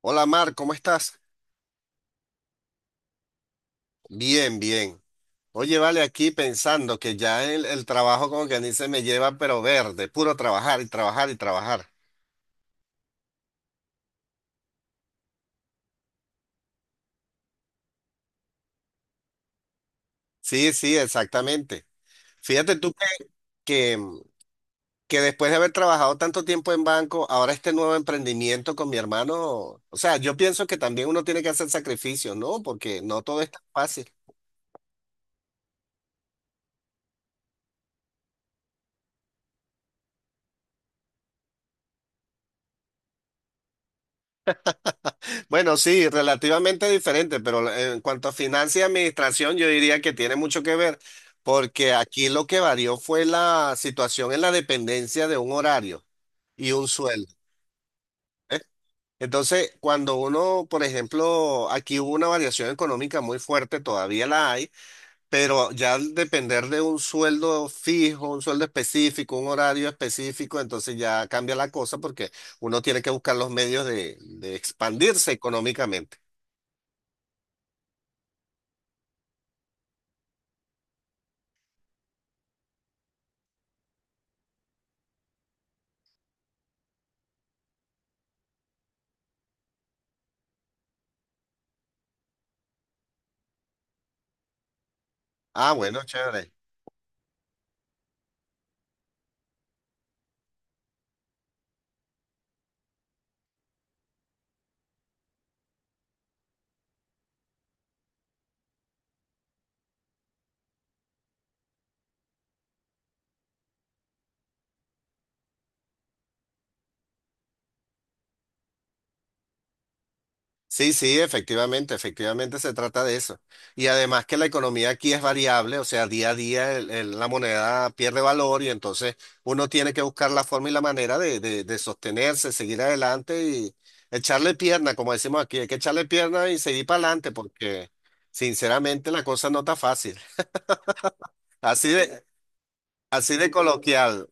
Hola Mar, ¿cómo estás? Bien, bien. Oye, vale, aquí pensando que ya el trabajo como que a se me lleva pero verde, puro trabajar y trabajar y trabajar. Sí, sí, exactamente. Fíjate tú que, que después de haber trabajado tanto tiempo en banco, ahora este nuevo emprendimiento con mi hermano, o sea, yo pienso que también uno tiene que hacer sacrificios, ¿no? Porque no todo es tan fácil. Bueno, sí, relativamente diferente, pero en cuanto a finanzas y administración, yo diría que tiene mucho que ver, porque aquí lo que varió fue la situación en la dependencia de un horario y un sueldo. ¿Eh? Entonces, cuando uno, por ejemplo, aquí hubo una variación económica muy fuerte, todavía la hay, pero ya al depender de un sueldo fijo, un sueldo específico, un horario específico, entonces ya cambia la cosa porque uno tiene que buscar los medios de expandirse económicamente. Ah, bueno, chévere. Sí, sí, efectivamente, efectivamente se trata de eso. Y además que la economía aquí es variable, o sea, día a día la moneda pierde valor y entonces uno tiene que buscar la forma y la manera de sostenerse, seguir adelante y echarle pierna, como decimos aquí, hay que echarle pierna y seguir para adelante porque sinceramente la cosa no está fácil. Así de, así de coloquial.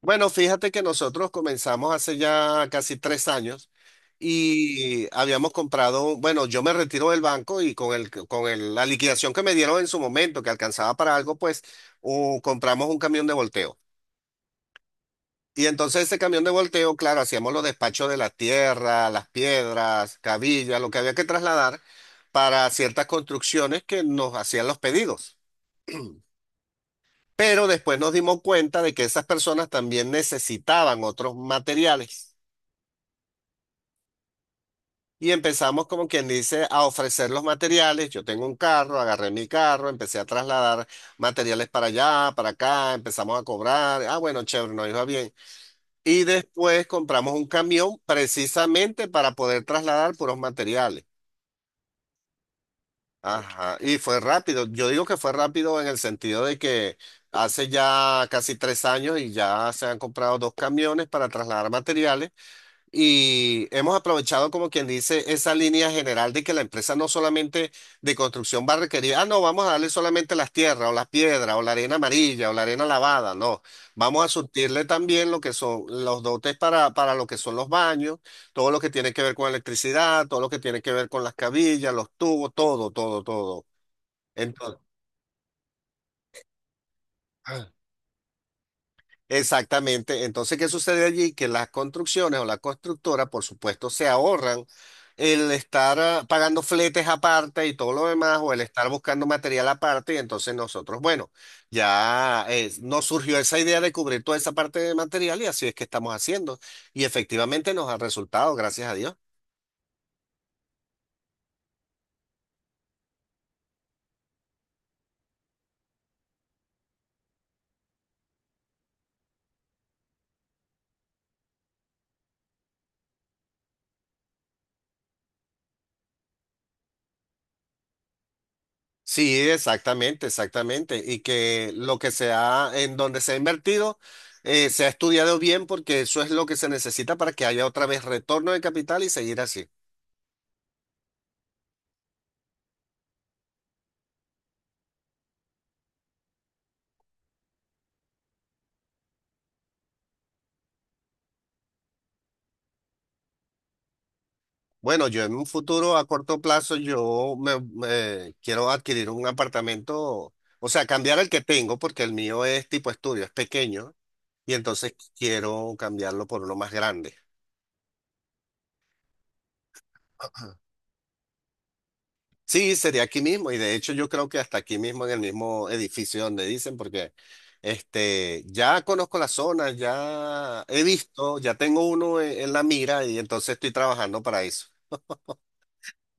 Bueno, fíjate que nosotros comenzamos hace ya casi 3 años y habíamos comprado, bueno, yo me retiro del banco y la liquidación que me dieron en su momento, que alcanzaba para algo, pues compramos un camión de volteo. Y entonces ese camión de volteo, claro, hacíamos los despachos de la tierra, las piedras, cabillas, lo que había que trasladar para ciertas construcciones que nos hacían los pedidos. Pero después nos dimos cuenta de que esas personas también necesitaban otros materiales. Y empezamos, como quien dice, a ofrecer los materiales. Yo tengo un carro, agarré mi carro, empecé a trasladar materiales para allá, para acá, empezamos a cobrar. Ah, bueno, chévere, nos iba bien. Y después compramos un camión precisamente para poder trasladar puros materiales. Ajá, y fue rápido. Yo digo que fue rápido en el sentido de que hace ya casi 3 años y ya se han comprado dos camiones para trasladar materiales. Y hemos aprovechado, como quien dice, esa línea general de que la empresa no solamente de construcción va a requerir, ah, no, vamos a darle solamente las tierras o las piedras o la arena amarilla o la arena lavada, no, vamos a surtirle también lo que son los dotes para lo que son los baños, todo lo que tiene que ver con electricidad, todo lo que tiene que ver con las cabillas, los tubos, todo, todo, todo. Entonces, Exactamente. Entonces, ¿qué sucede allí? Que las construcciones o la constructora, por supuesto, se ahorran el estar pagando fletes aparte y todo lo demás, o el estar buscando material aparte, y entonces nosotros, bueno, ya nos surgió esa idea de cubrir toda esa parte de material y así es que estamos haciendo. Y efectivamente nos ha resultado, gracias a Dios. Sí, exactamente, exactamente. Y que lo que se ha, en donde se ha invertido, se ha estudiado bien porque eso es lo que se necesita para que haya otra vez retorno de capital y seguir así. Bueno, yo en un futuro a corto plazo, yo me quiero adquirir un apartamento, o sea, cambiar el que tengo porque el mío es tipo estudio, es pequeño, y entonces quiero cambiarlo por uno más grande. Sí, sería aquí mismo, y de hecho yo creo que hasta aquí mismo en el mismo edificio donde dicen, porque este, ya conozco la zona, ya he visto, ya tengo uno en la mira y entonces estoy trabajando para eso.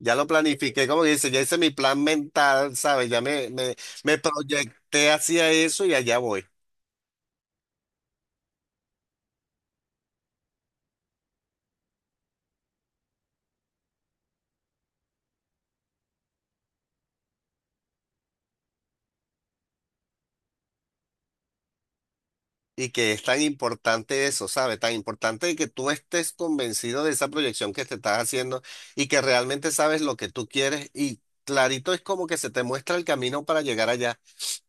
Ya lo planifiqué, como que dice, ya hice mi plan mental, ¿sabes? Ya me proyecté hacia eso y allá voy. Y que es tan importante eso, ¿sabes? Tan importante de que tú estés convencido de esa proyección que te estás haciendo y que realmente sabes lo que tú quieres y clarito es como que se te muestra el camino para llegar allá.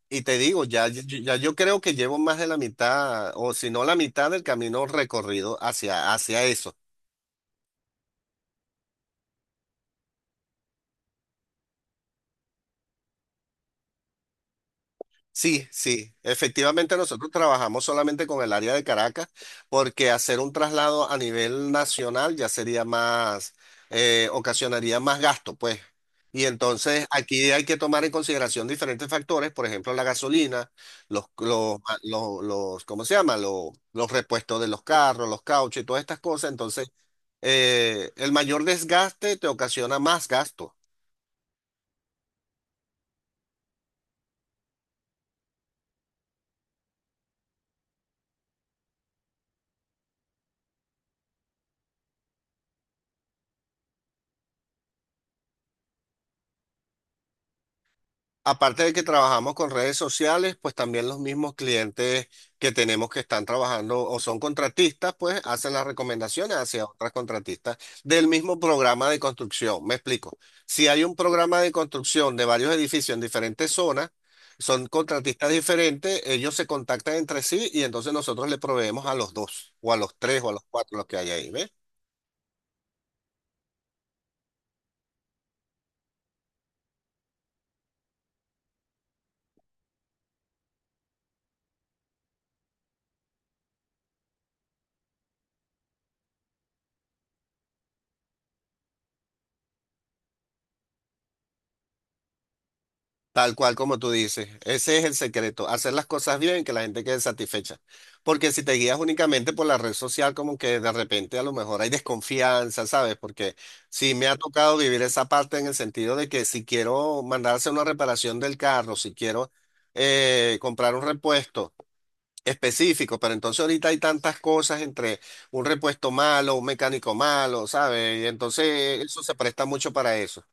Y te digo, ya, ya, ya yo creo que llevo más de la mitad o si no la mitad del camino recorrido hacia eso. Sí, sí, efectivamente nosotros trabajamos solamente con el área de Caracas porque hacer un traslado a nivel nacional ya sería más, ocasionaría más gasto, pues. Y entonces aquí hay que tomar en consideración diferentes factores, por ejemplo, la gasolina, ¿cómo se llama? Los repuestos de los carros, los cauchos y todas estas cosas. Entonces, el mayor desgaste te ocasiona más gasto. Aparte de que trabajamos con redes sociales, pues también los mismos clientes que tenemos que están trabajando o son contratistas, pues hacen las recomendaciones hacia otras contratistas del mismo programa de construcción. Me explico. Si hay un programa de construcción de varios edificios en diferentes zonas, son contratistas diferentes, ellos se contactan entre sí y entonces nosotros le proveemos a los dos, o a los tres, o a los cuatro, los que hay ahí, ¿ves? Tal cual como tú dices, ese es el secreto, hacer las cosas bien que la gente quede satisfecha. Porque si te guías únicamente por la red social, como que de repente a lo mejor hay desconfianza, ¿sabes? Porque sí me ha tocado vivir esa parte en el sentido de que si quiero mandarse una reparación del carro, si quiero comprar un repuesto específico, pero entonces ahorita hay tantas cosas entre un repuesto malo, un mecánico malo, ¿sabes? Y entonces eso se presta mucho para eso.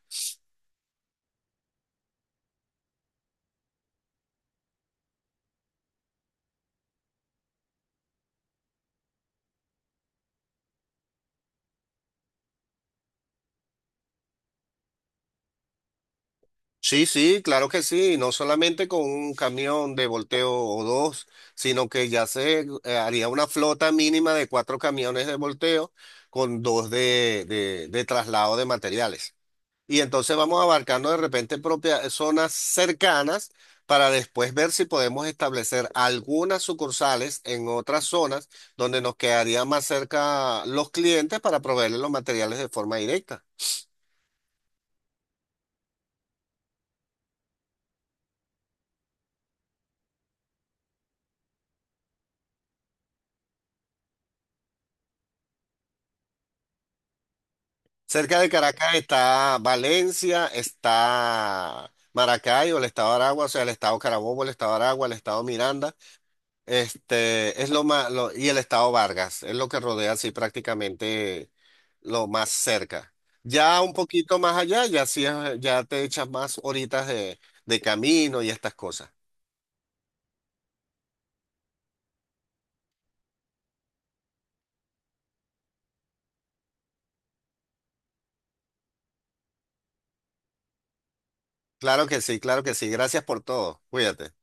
Sí, sí, claro que sí, no solamente con un camión de volteo o dos, sino que ya se haría una flota mínima de cuatro camiones de volteo con dos de traslado de materiales. Y entonces vamos abarcando de repente propias zonas cercanas para después ver si podemos establecer algunas sucursales en otras zonas donde nos quedaría más cerca los clientes para proveerles los materiales de forma directa. Cerca de Caracas está Valencia, está Maracaibo, el estado de Aragua, o sea, el estado Carabobo, el estado de Aragua, el estado Miranda, este, es lo más, y el estado Vargas, es lo que rodea así prácticamente lo más cerca. Ya un poquito más allá, ya sí ya te echas más horitas de camino y estas cosas. Claro que sí, claro que sí. Gracias por todo. Cuídate.